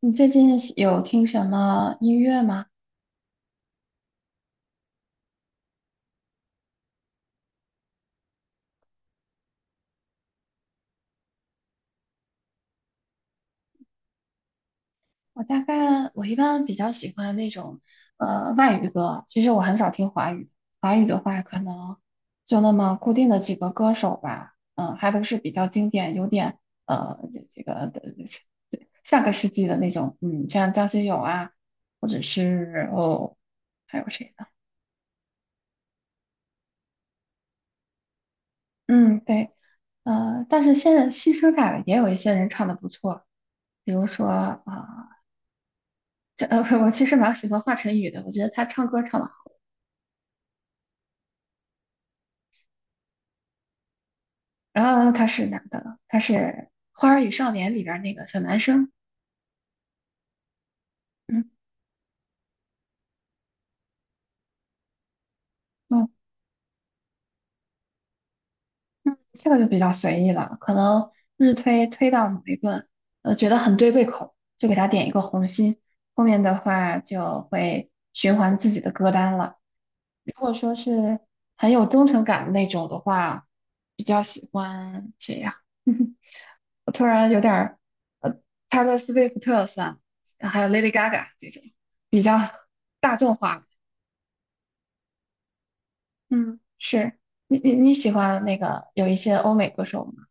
你最近有听什么音乐吗？我大概我一般比较喜欢那种外语歌，其实我很少听华语。华语的话，可能就那么固定的几个歌手吧，嗯，还都是比较经典，有点呃这这个的下个世纪的那种，嗯，像张学友啊，或者是还有谁呢？嗯，对，但是现在新生代的也有一些人唱的不错，比如说啊。我其实蛮喜欢华晨宇的，我觉得他唱歌唱得好。然后他是男的，他是《花儿与少年》里边儿那个小男生。嗯嗯，这个就比较随意了，可能日推推到某一个，觉得很对胃口，就给他点一个红心。后面的话就会循环自己的歌单了。如果说是很有忠诚感的那种的话，比较喜欢谁呀？我突然有点儿，呃，Taylor s w 算，还有 Lady Gaga 这种比较大众化的。嗯，是你喜欢那个有一些欧美歌手吗？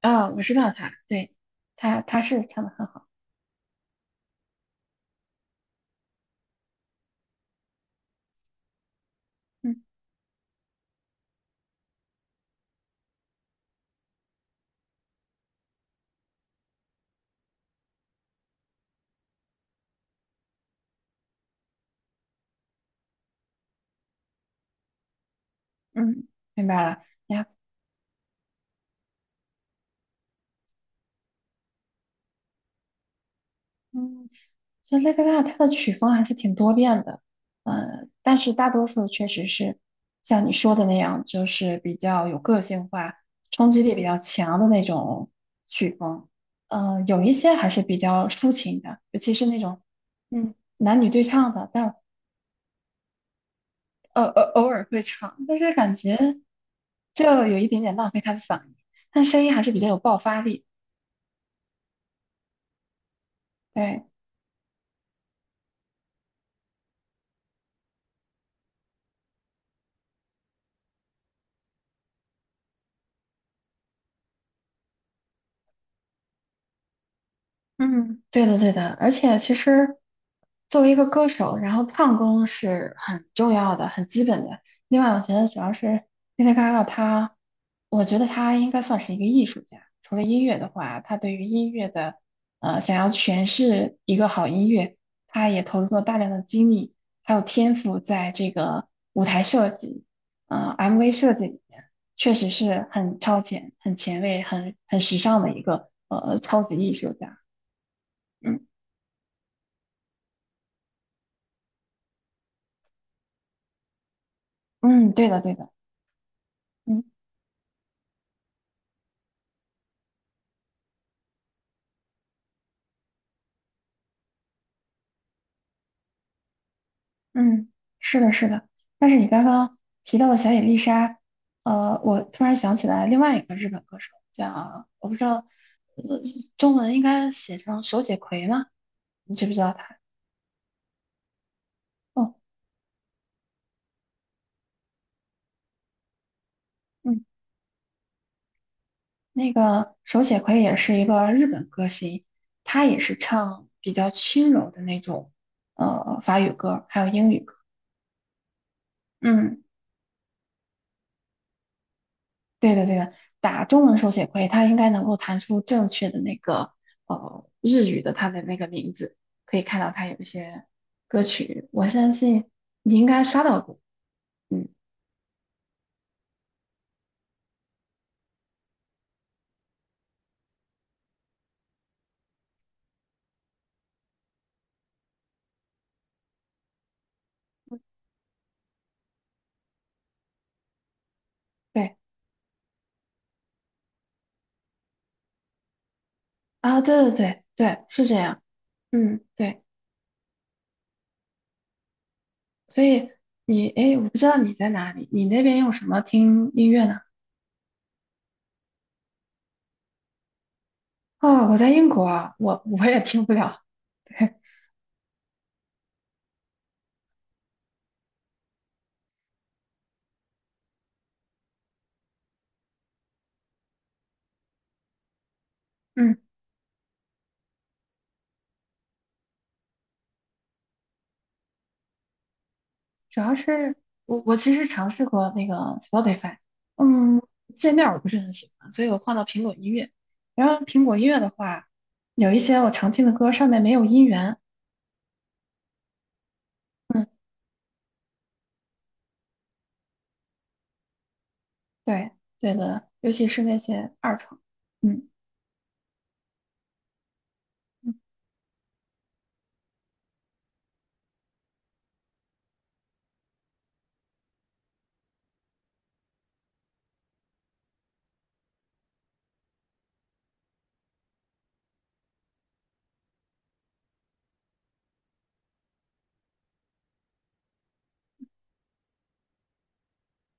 啊、我知道他，对，他是唱的很好。嗯嗯，明白了。你还嗯所以 Lady g a 的曲风还是挺多变的，嗯，但是大多数确实是像你说的那样，就是比较有个性化、冲击力比较强的那种曲风。嗯，有一些还是比较抒情的，尤其是那种嗯男女对唱的，但偶尔会唱，但是感觉就有一点点浪费他的嗓音，但声音还是比较有爆发力。对，嗯，对的，对的，而且其实作为一个歌手，然后唱功是很重要的、很基本的。另外，我觉得主要是 Lady Gaga,她，我觉得她应该算是一个艺术家。除了音乐的话，她对于音乐的，想要诠释一个好音乐，她也投入了大量的精力，还有天赋在这个舞台设计、MV 设计里面，确实是很超前、很前卫、很时尚的一个超级艺术家。嗯嗯，对的对的，嗯嗯，是的是的。但是你刚刚提到的小野丽莎，我突然想起来另外一个日本歌手叫，我不知道，呃中文应该写成手写葵吗？你知不知道他？哦，嗯，那个手写葵也是一个日本歌星，他也是唱比较轻柔的那种，法语歌，还有英语歌。嗯。对的，对的，打中文手写会，它应该能够弹出正确的那个日语的它的那个名字，可以看到它有一些歌曲，我相信你应该刷到过。嗯，对啊，对对对对，是这样。嗯，对，所以你诶，我不知道你在哪里，你那边用什么听音乐呢？哦，我在英国啊，我也听不了。对，嗯。主要是我其实尝试过那个 Spotify,嗯，界面我不是很喜欢，所以我换到苹果音乐。然后苹果音乐的话，有一些我常听的歌上面没有音源，嗯，对对的，尤其是那些二创，嗯。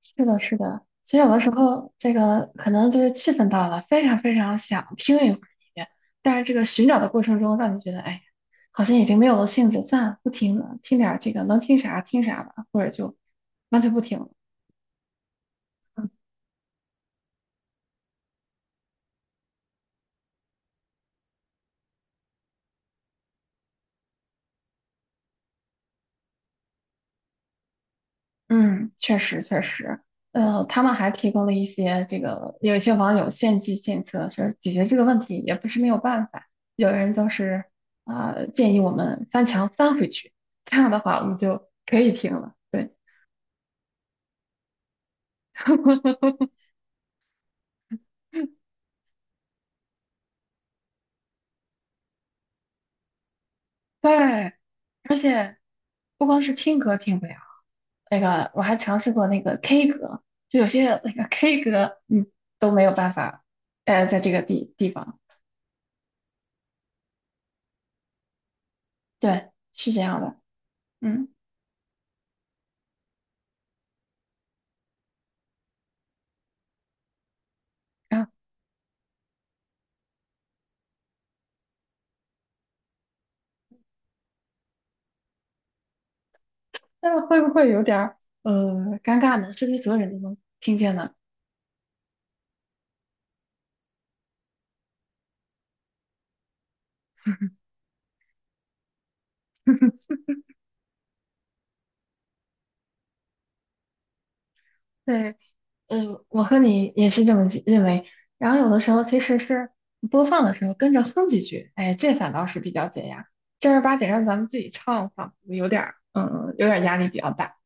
是的，是的。其实有的时候，这个可能就是气氛到了，非常非常想听一会儿音乐，但是这个寻找的过程中，让你觉得，哎，好像已经没有了兴致，算了，不听了，听点儿这个能听啥听啥吧，或者就干脆不听了。嗯，确实确实。他们还提供了一些这个，有一些网友献计献策，说解决这个问题也不是没有办法。有人就是啊、建议我们翻墙翻回去，这样的话我们就可以听了。对。对，不光是听歌听不了，那个我还尝试过那个 K 歌，就有些那个 K 歌，嗯，都没有办法，在这个地方，对，是这样的，嗯，然后那会不会有点儿呃尴尬呢？是不是所有人都能听见呢？对，嗯，我和你也是这么记认为。然后有的时候其实是播放的时候跟着哼几句，哎，这反倒是比较解压。正儿八经让咱们自己唱，仿佛有点儿，嗯，有点儿压力比较大。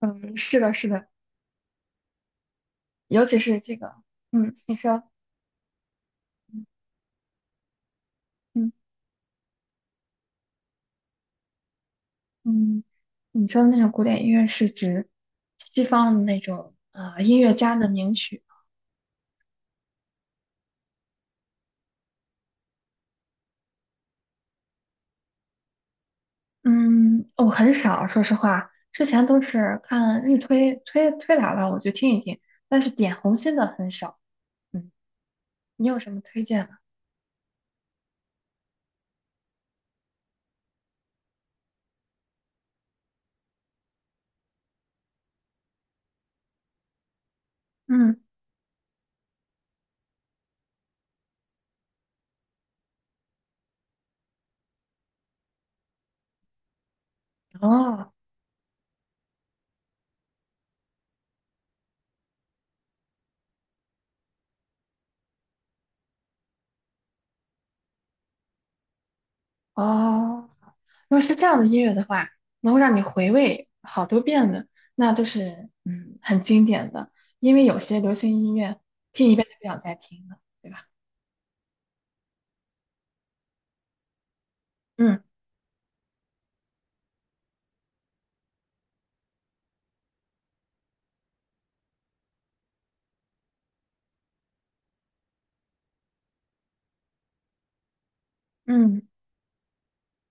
嗯，是的，是的，尤其是这个，嗯，你说，嗯嗯，你说的那种古典音乐是指西方的那种音乐家的名曲。嗯，我很少，说实话，之前都是看日推推来了，我就听一听，但是点红心的很少。嗯，你有什么推荐吗？嗯，哦哦，如果是这样的音乐的话，能够让你回味好多遍的，那就是嗯很经典的，因为有些流行音乐听一遍就不想再听了，对吧？嗯嗯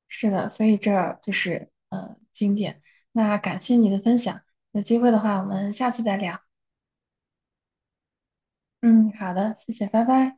是的，所以这就是经典。那感谢你的分享，有机会的话我们下次再聊。嗯，好的，谢谢，拜拜。